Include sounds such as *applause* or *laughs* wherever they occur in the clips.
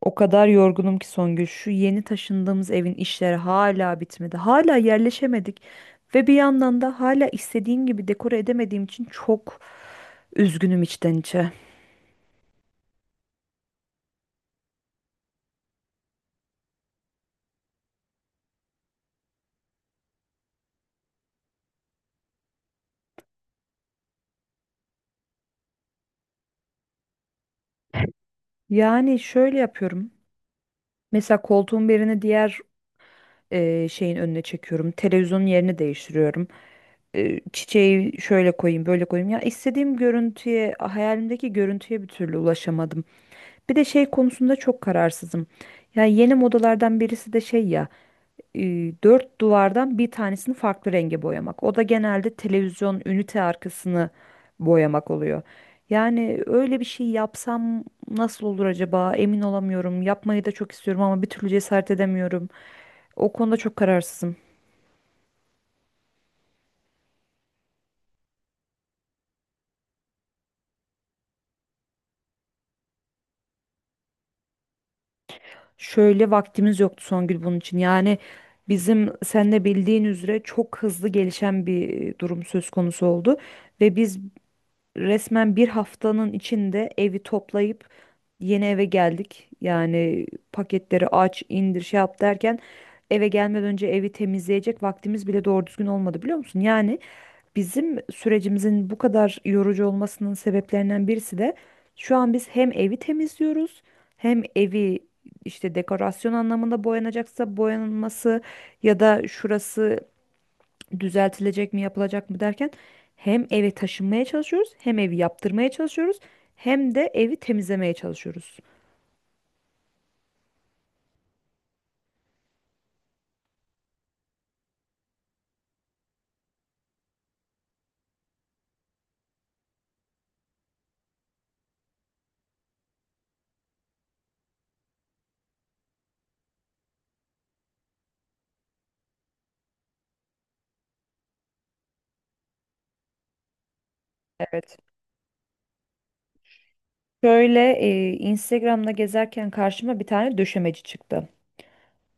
O kadar yorgunum ki Songül. Şu yeni taşındığımız evin işleri hala bitmedi. Hala yerleşemedik. Ve bir yandan da hala istediğim gibi dekore edemediğim için çok üzgünüm içten içe. Yani şöyle yapıyorum. Mesela koltuğun birini diğer şeyin önüne çekiyorum. Televizyonun yerini değiştiriyorum. Çiçeği şöyle koyayım, böyle koyayım. Ya istediğim görüntüye, hayalimdeki görüntüye bir türlü ulaşamadım. Bir de şey konusunda çok kararsızım. Ya yeni modalardan birisi de şey ya. e, Dört duvardan bir tanesini farklı renge boyamak. O da genelde televizyon ünite arkasını boyamak oluyor. Yani öyle bir şey yapsam nasıl olur acaba? Emin olamıyorum. Yapmayı da çok istiyorum ama bir türlü cesaret edemiyorum. O konuda çok kararsızım. Şöyle vaktimiz yoktu Songül bunun için. Yani bizim sen de bildiğin üzere çok hızlı gelişen bir durum söz konusu oldu ve biz resmen bir haftanın içinde evi toplayıp yeni eve geldik. Yani paketleri aç, indir, şey yap derken eve gelmeden önce evi temizleyecek vaktimiz bile doğru düzgün olmadı biliyor musun? Yani bizim sürecimizin bu kadar yorucu olmasının sebeplerinden birisi de şu an biz hem evi temizliyoruz hem evi işte dekorasyon anlamında boyanacaksa boyanılması ya da şurası düzeltilecek mi yapılacak mı derken hem eve taşınmaya çalışıyoruz hem evi yaptırmaya çalışıyoruz hem de evi temizlemeye çalışıyoruz. Evet. Şöyle Instagram'da gezerken karşıma bir tane döşemeci çıktı.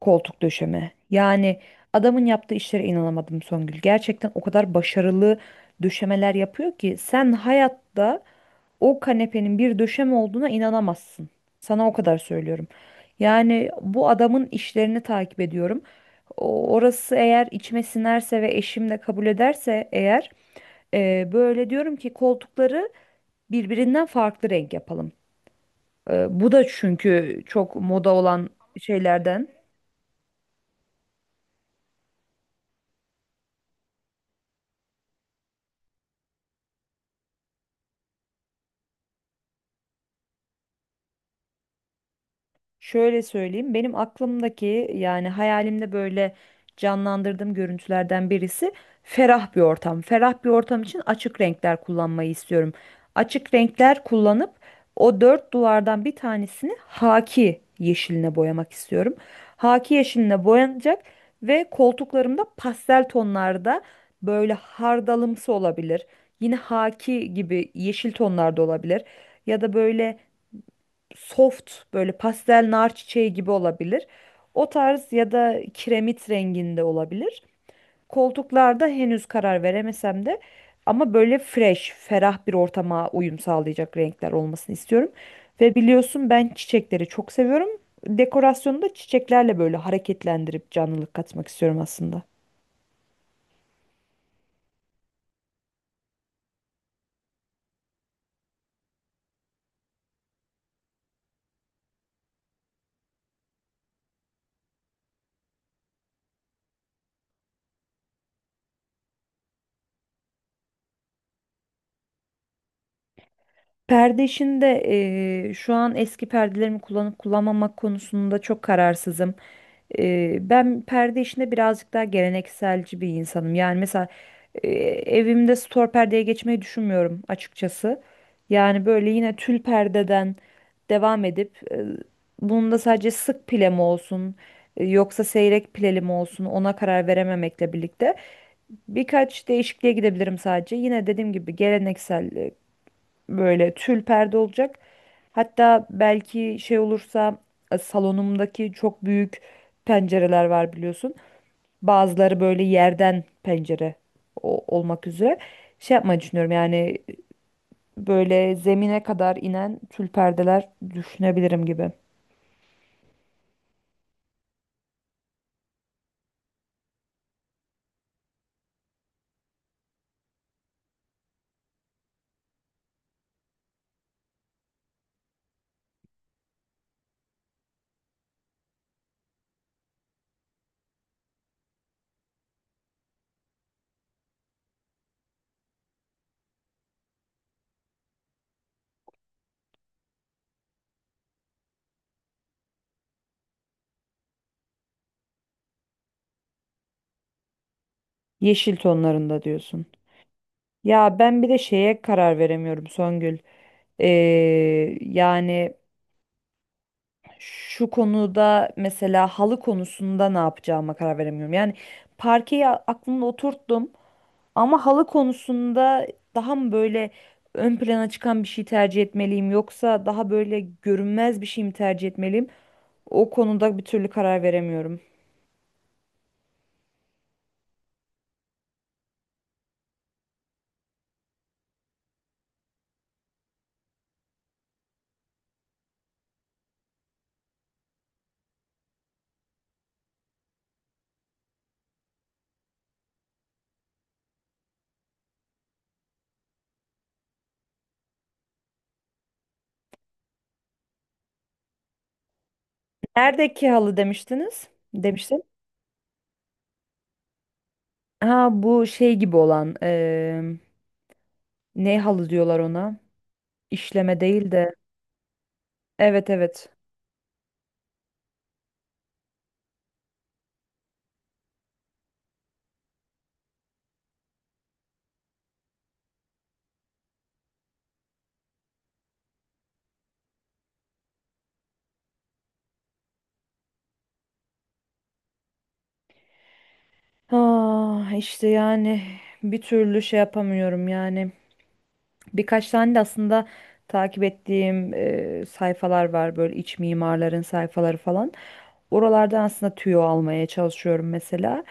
Koltuk döşeme. Yani adamın yaptığı işlere inanamadım Songül. Gerçekten o kadar başarılı döşemeler yapıyor ki sen hayatta o kanepenin bir döşeme olduğuna inanamazsın. Sana o kadar söylüyorum. Yani bu adamın işlerini takip ediyorum. Orası eğer içime sinerse ve eşim de kabul ederse eğer böyle diyorum ki koltukları birbirinden farklı renk yapalım. Bu da çünkü çok moda olan şeylerden. Şöyle söyleyeyim, benim aklımdaki yani hayalimde böyle canlandırdığım görüntülerden birisi ferah bir ortam. Ferah bir ortam için açık renkler kullanmayı istiyorum. Açık renkler kullanıp o dört duvardan bir tanesini haki yeşiline boyamak istiyorum. Haki yeşiline boyanacak ve koltuklarımda pastel tonlarda böyle hardalımsı olabilir. Yine haki gibi yeşil tonlarda olabilir. Ya da böyle soft böyle pastel nar çiçeği gibi olabilir. O tarz ya da kiremit renginde olabilir. Koltuklarda henüz karar veremesem de ama böyle fresh, ferah bir ortama uyum sağlayacak renkler olmasını istiyorum. Ve biliyorsun ben çiçekleri çok seviyorum. Dekorasyonu da çiçeklerle böyle hareketlendirip canlılık katmak istiyorum aslında. Perde işinde şu an eski perdelerimi kullanıp kullanmamak konusunda çok kararsızım. Ben perde işinde birazcık daha gelenekselci bir insanım. Yani mesela eee, evimde stor perdeye geçmeyi düşünmüyorum açıkçası. Yani böyle yine tül perdeden devam edip bunun da sadece sık pile mi olsun yoksa seyrek pileli mi olsun ona karar verememekle birlikte birkaç değişikliğe gidebilirim sadece. Yine dediğim gibi geleneksel böyle tül perde olacak. Hatta belki şey olursa salonumdaki çok büyük pencereler var biliyorsun. Bazıları böyle yerden pencere olmak üzere. Şey yapmayı düşünüyorum yani böyle zemine kadar inen tül perdeler düşünebilirim gibi. Yeşil tonlarında diyorsun. Ya ben bir de şeye karar veremiyorum Songül. Ee, Yani şu konuda mesela halı konusunda ne yapacağıma karar veremiyorum. Yani parkeyi aklımda oturttum ama halı konusunda daha mı böyle ön plana çıkan bir şey tercih etmeliyim yoksa daha böyle görünmez bir şey mi tercih etmeliyim? O konuda bir türlü karar veremiyorum. Neredeki halı demiştiniz? Demiştim. Ha bu şey gibi olan ne halı diyorlar ona? İşleme değil de. Evet, evet. Ah işte yani bir türlü şey yapamıyorum yani. Birkaç tane de aslında takip ettiğim sayfalar var böyle iç mimarların sayfaları falan. Oralardan aslında tüyo almaya çalışıyorum mesela.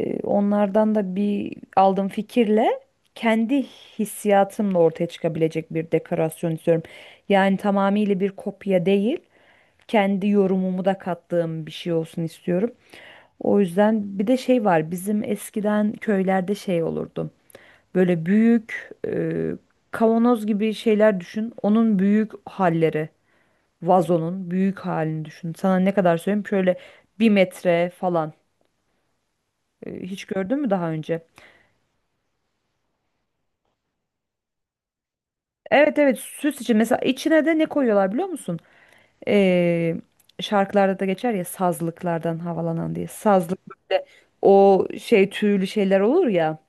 Onlardan da bir aldığım fikirle kendi hissiyatımla ortaya çıkabilecek bir dekorasyon istiyorum. Yani tamamıyla bir kopya değil, kendi yorumumu da kattığım bir şey olsun istiyorum. O yüzden bir de şey var bizim eskiden köylerde şey olurdu. Böyle büyük kavanoz gibi şeyler düşün. Onun büyük halleri, vazonun büyük halini düşün. Sana ne kadar söyleyeyim şöyle 1 metre falan. Hiç gördün mü daha önce? Evet, evet, süs için mesela içine de ne koyuyorlar biliyor musun? Ee, Şarkılarda da geçer ya sazlıklardan havalanan diye. Sazlık böyle o şey tüylü şeyler olur ya.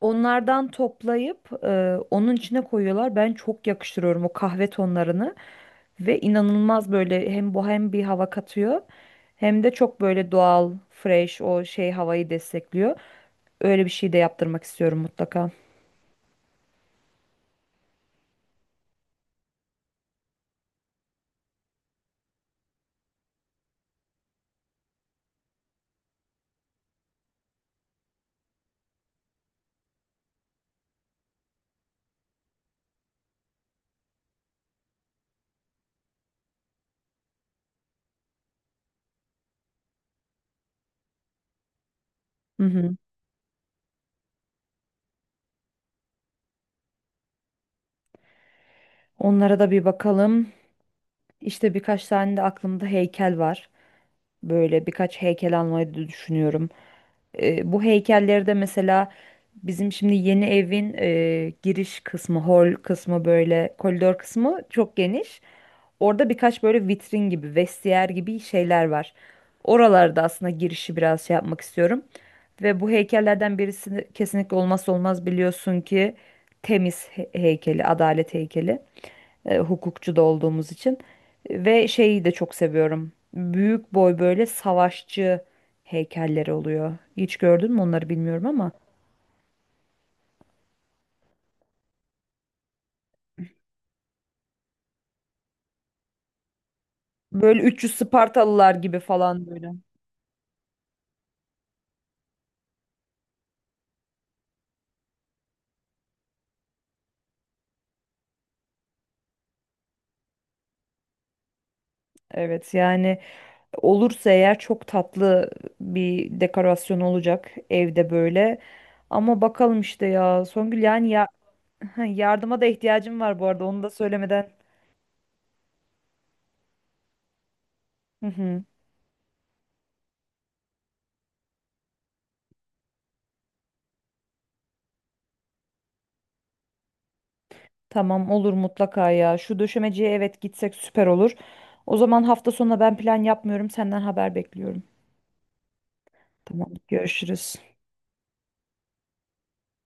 Onlardan toplayıp onun içine koyuyorlar. Ben çok yakıştırıyorum o kahve tonlarını ve inanılmaz böyle hem bohem bir hava katıyor hem de çok böyle doğal, fresh o şey havayı destekliyor. Öyle bir şey de yaptırmak istiyorum mutlaka. Hı hı. Onlara da bir bakalım. İşte birkaç tane de aklımda heykel var. Böyle birkaç heykel almayı da düşünüyorum. Bu heykelleri de mesela bizim şimdi yeni evin giriş kısmı, hol kısmı böyle koridor kısmı çok geniş. Orada birkaç böyle vitrin gibi, vestiyer gibi şeyler var. Oralarda aslında girişi biraz şey yapmak istiyorum. Ve bu heykellerden birisi kesinlikle olmazsa olmaz biliyorsun ki temiz heykeli, adalet heykeli. Hukukçu da olduğumuz için. Ve şeyi de çok seviyorum. Büyük boy böyle savaşçı heykelleri oluyor. Hiç gördün mü onları bilmiyorum ama. Böyle 300 Spartalılar gibi falan böyle. Evet yani olursa eğer çok tatlı bir dekorasyon olacak evde böyle. Ama bakalım işte ya Songül yani ya, *laughs* yardıma da ihtiyacım var bu arada onu da söylemeden. *laughs* Tamam, olur mutlaka ya. Şu döşemeciye, evet, gitsek süper olur. O zaman hafta sonuna ben plan yapmıyorum. Senden haber bekliyorum. Tamam, görüşürüz.